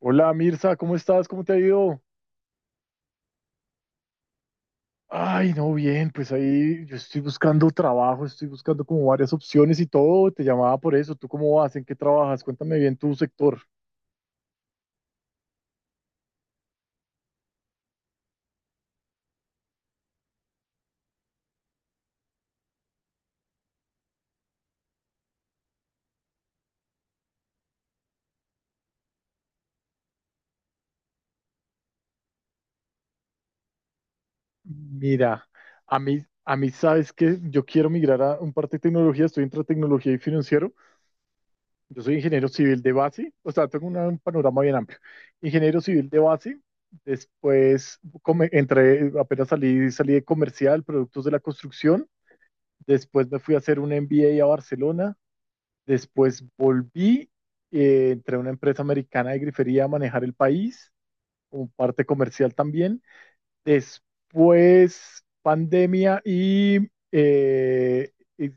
Hola Mirza, ¿cómo estás? ¿Cómo te ha ido? Ay, no, bien, pues ahí yo estoy buscando trabajo, estoy buscando como varias opciones y todo, te llamaba por eso. ¿Tú cómo vas? ¿En qué trabajas? Cuéntame bien tu sector. Mira, a mí sabes que yo quiero migrar a un parte de tecnología, estoy entre tecnología y financiero, yo soy ingeniero civil de base, o sea, tengo un panorama bien amplio. Ingeniero civil de base, después entré, apenas salí, salí de comercial, productos de la construcción. Después me fui a hacer un MBA a Barcelona. Después volví, entré a una empresa americana de grifería a manejar el país, como parte comercial también. Después pandemia eh, y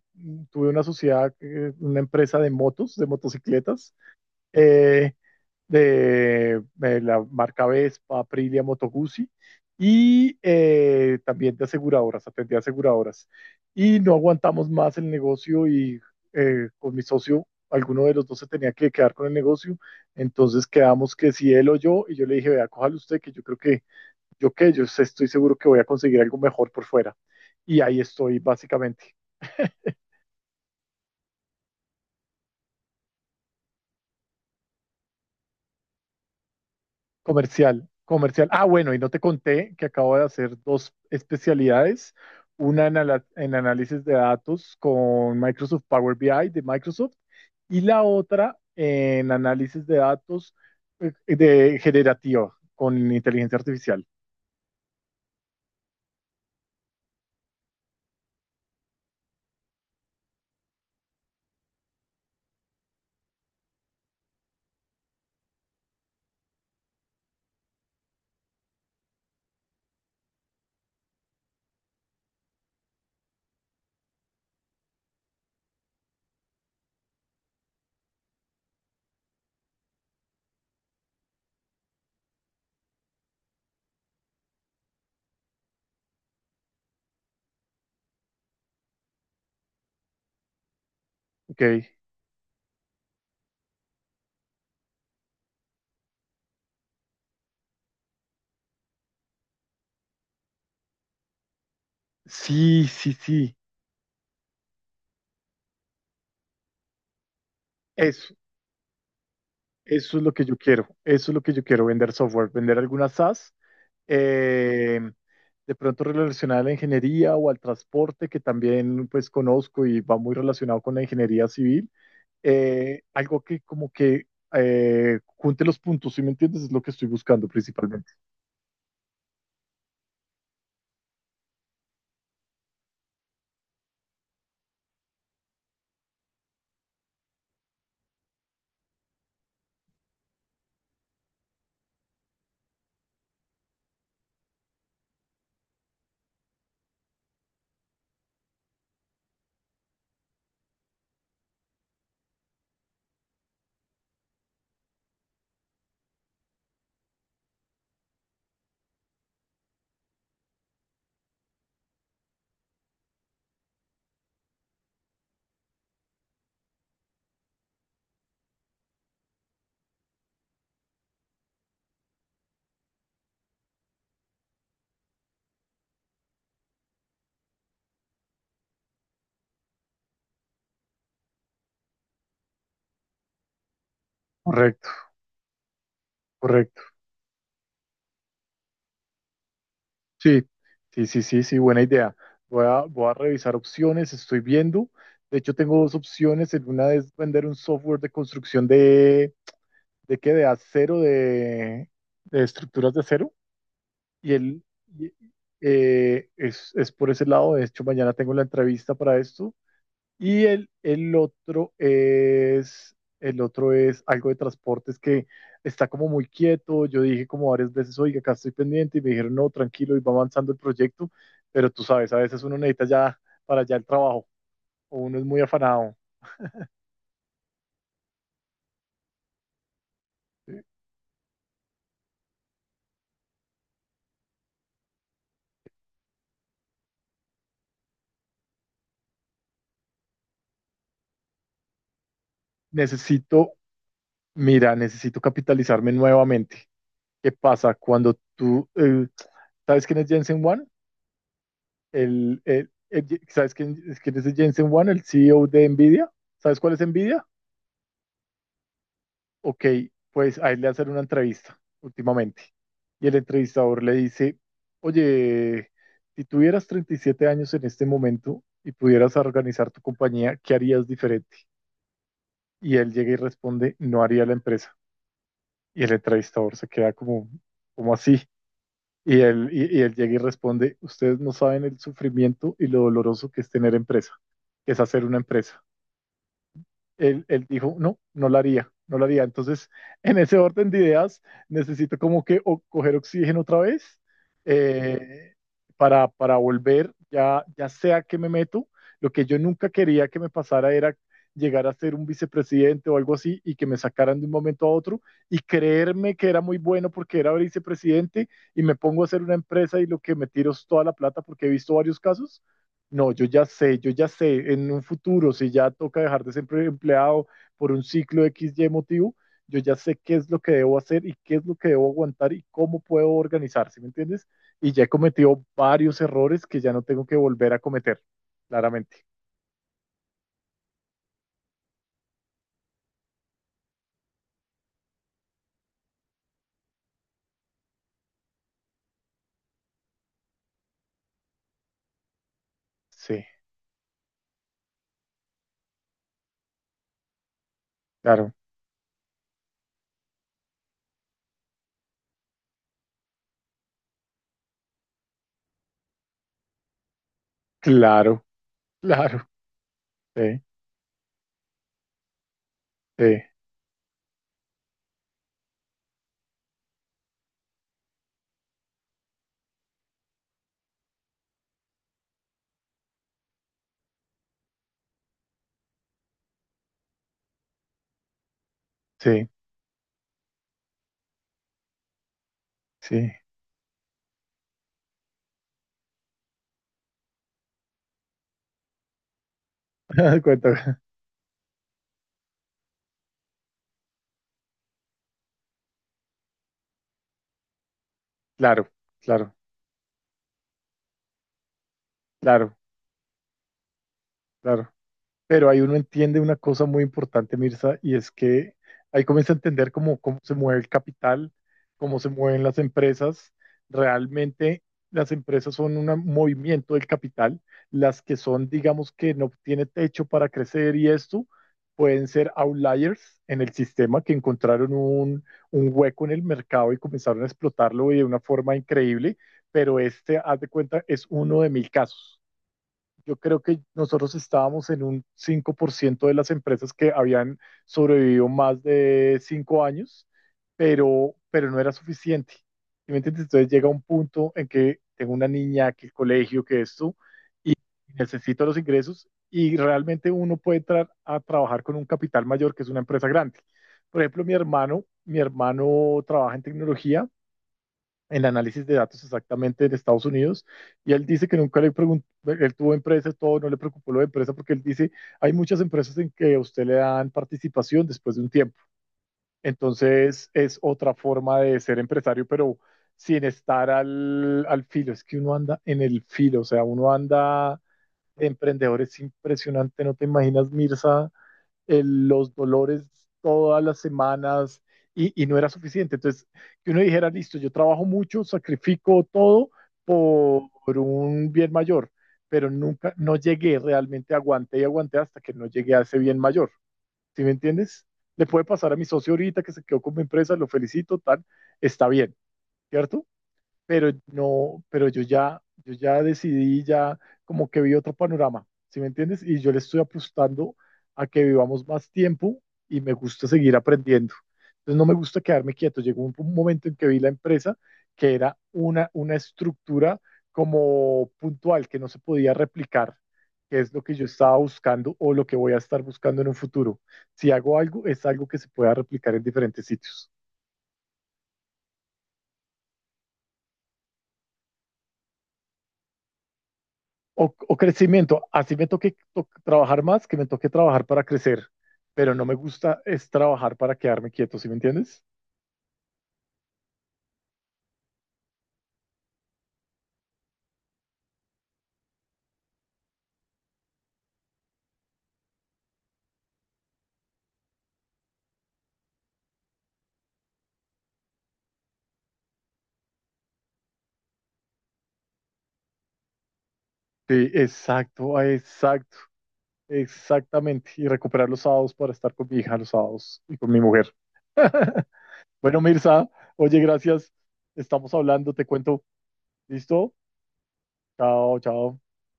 tuve una sociedad, una empresa de motos, de motocicletas. Eh, de la marca Vespa, Aprilia, Moto Guzzi y también de aseguradoras, atendía aseguradoras. Y no aguantamos más el negocio y con mi socio, alguno de los dos se tenía que quedar con el negocio, entonces quedamos que si él o yo, y yo le dije, vea, cójalo usted, que yo creo que yo estoy seguro que voy a conseguir algo mejor por fuera. Y ahí estoy básicamente. Comercial, comercial. Ah, bueno, y no te conté que acabo de hacer dos especialidades, una en, en análisis de datos con Microsoft Power BI de Microsoft y la otra en análisis de datos, de generativo con inteligencia artificial. Ok. Sí, sí, sí. Eso, eso es lo que yo quiero. Eso es lo que yo quiero, vender software, vender algunas SaaS, eh, de pronto relacionada a la ingeniería o al transporte, que también pues conozco y va muy relacionado con la ingeniería civil. Algo que como que junte los puntos, ¿sí me entiendes? Es lo que estoy buscando principalmente. Correcto, correcto. Sí, sí, sí, sí, sí, buena idea. Voy a revisar opciones, estoy viendo. De hecho, tengo dos opciones. En Una es vender un software de construcción ¿de qué? De acero, de estructuras de acero. Y él y- es por ese lado. De hecho, mañana tengo la entrevista para esto. Y el otro es algo de transportes que está como muy quieto. Yo dije como varias veces, oiga, acá estoy pendiente. Y me dijeron, no, tranquilo, y va avanzando el proyecto. Pero tú sabes, a veces uno necesita ya para allá el trabajo. O uno es muy afanado. ¿Sí? Necesito, mira, necesito capitalizarme nuevamente. ¿Qué pasa cuando tú... ¿sabes quién es Jensen Huang? ¿Sabes quién, quién es Jensen Huang, el CEO de Nvidia? ¿Sabes cuál es Nvidia? Ok, pues a él le hacen una entrevista últimamente. Y el entrevistador le dice, oye, si tuvieras 37 años en este momento y pudieras organizar tu compañía, ¿qué harías diferente? Y él llega y responde, no haría la empresa. Y el entrevistador se queda como, como así. Y él llega y responde, ustedes no saben el sufrimiento y lo doloroso que es tener empresa, que es hacer una empresa. Él dijo, no, no lo haría, no lo haría. Entonces, en ese orden de ideas, necesito como que coger oxígeno otra vez, eh, para volver, ya, ya sea que me meto. Lo que yo nunca quería que me pasara era llegar a ser un vicepresidente o algo así y que me sacaran de un momento a otro y creerme que era muy bueno porque era vicepresidente y me pongo a hacer una empresa y lo que me tiro es toda la plata porque he visto varios casos. No, yo ya sé, en un futuro, si ya toca dejar de ser empleado por un ciclo X XY motivo, yo ya sé qué es lo que debo hacer y qué es lo que debo aguantar y cómo puedo organizar, ¿sí me entiendes? Y ya he cometido varios errores que ya no tengo que volver a cometer, claramente. Sí, claro, claro, claro, sí, sí, sí, sí. Cuenta, claro, claro, claro, claro. Pero ahí uno entiende una cosa muy importante, Mirza, y es que ahí comienza a entender cómo, cómo se mueve el capital, cómo se mueven las empresas. Realmente las empresas son un movimiento del capital. Las que son, digamos, que no tiene techo para crecer y esto, pueden ser outliers en el sistema que encontraron un hueco en el mercado y comenzaron a explotarlo de una forma increíble. Pero este, haz de cuenta, es uno de mil casos. Yo creo que nosotros estábamos en un 5% de las empresas que habían sobrevivido más de 5 años, pero no era suficiente. ¿Sí me entiendes? Entonces llega un punto en que tengo una niña, que el colegio, que esto, y necesito los ingresos y realmente uno puede entrar a trabajar con un capital mayor, que es una empresa grande. Por ejemplo, mi hermano trabaja en tecnología, en análisis de datos exactamente en Estados Unidos, y él dice que nunca le preguntó, él tuvo empresas todo, no le preocupó lo de empresa, porque él dice, hay muchas empresas en que a usted le dan participación después de un tiempo, entonces es otra forma de ser empresario, pero sin estar al filo, es que uno anda en el filo, o sea, uno anda, de emprendedor impresionante, no te imaginas, Mirza, los dolores todas las semanas y no era suficiente. Entonces, que uno dijera, listo, yo trabajo mucho, sacrifico todo por un bien mayor, pero nunca, no llegué, realmente aguanté y aguanté hasta que no llegué a ese bien mayor. ¿Sí me entiendes? Le puede pasar a mi socio ahorita que se quedó con mi empresa, lo felicito, tal, está bien, ¿cierto? Pero no, pero yo ya decidí, ya como que vi otro panorama, ¿sí me entiendes? Y yo le estoy apostando a que vivamos más tiempo y me gusta seguir aprendiendo. Entonces no me gusta quedarme quieto. Llegó un momento en que vi la empresa que era una estructura como puntual, que no se podía replicar, que es lo que yo estaba buscando o lo que voy a estar buscando en un futuro. Si hago algo, es algo que se pueda replicar en diferentes sitios. O crecimiento, así me toque trabajar más, que me toque trabajar para crecer, pero no me gusta es trabajar para quedarme quieto, ¿sí me entiendes? Sí, exacto, ah, exacto, exactamente. Y recuperar los sábados para estar con mi hija los sábados y con mi mujer. Bueno, Mirza, oye, gracias. Estamos hablando, te cuento. ¿Listo? Chao, chao.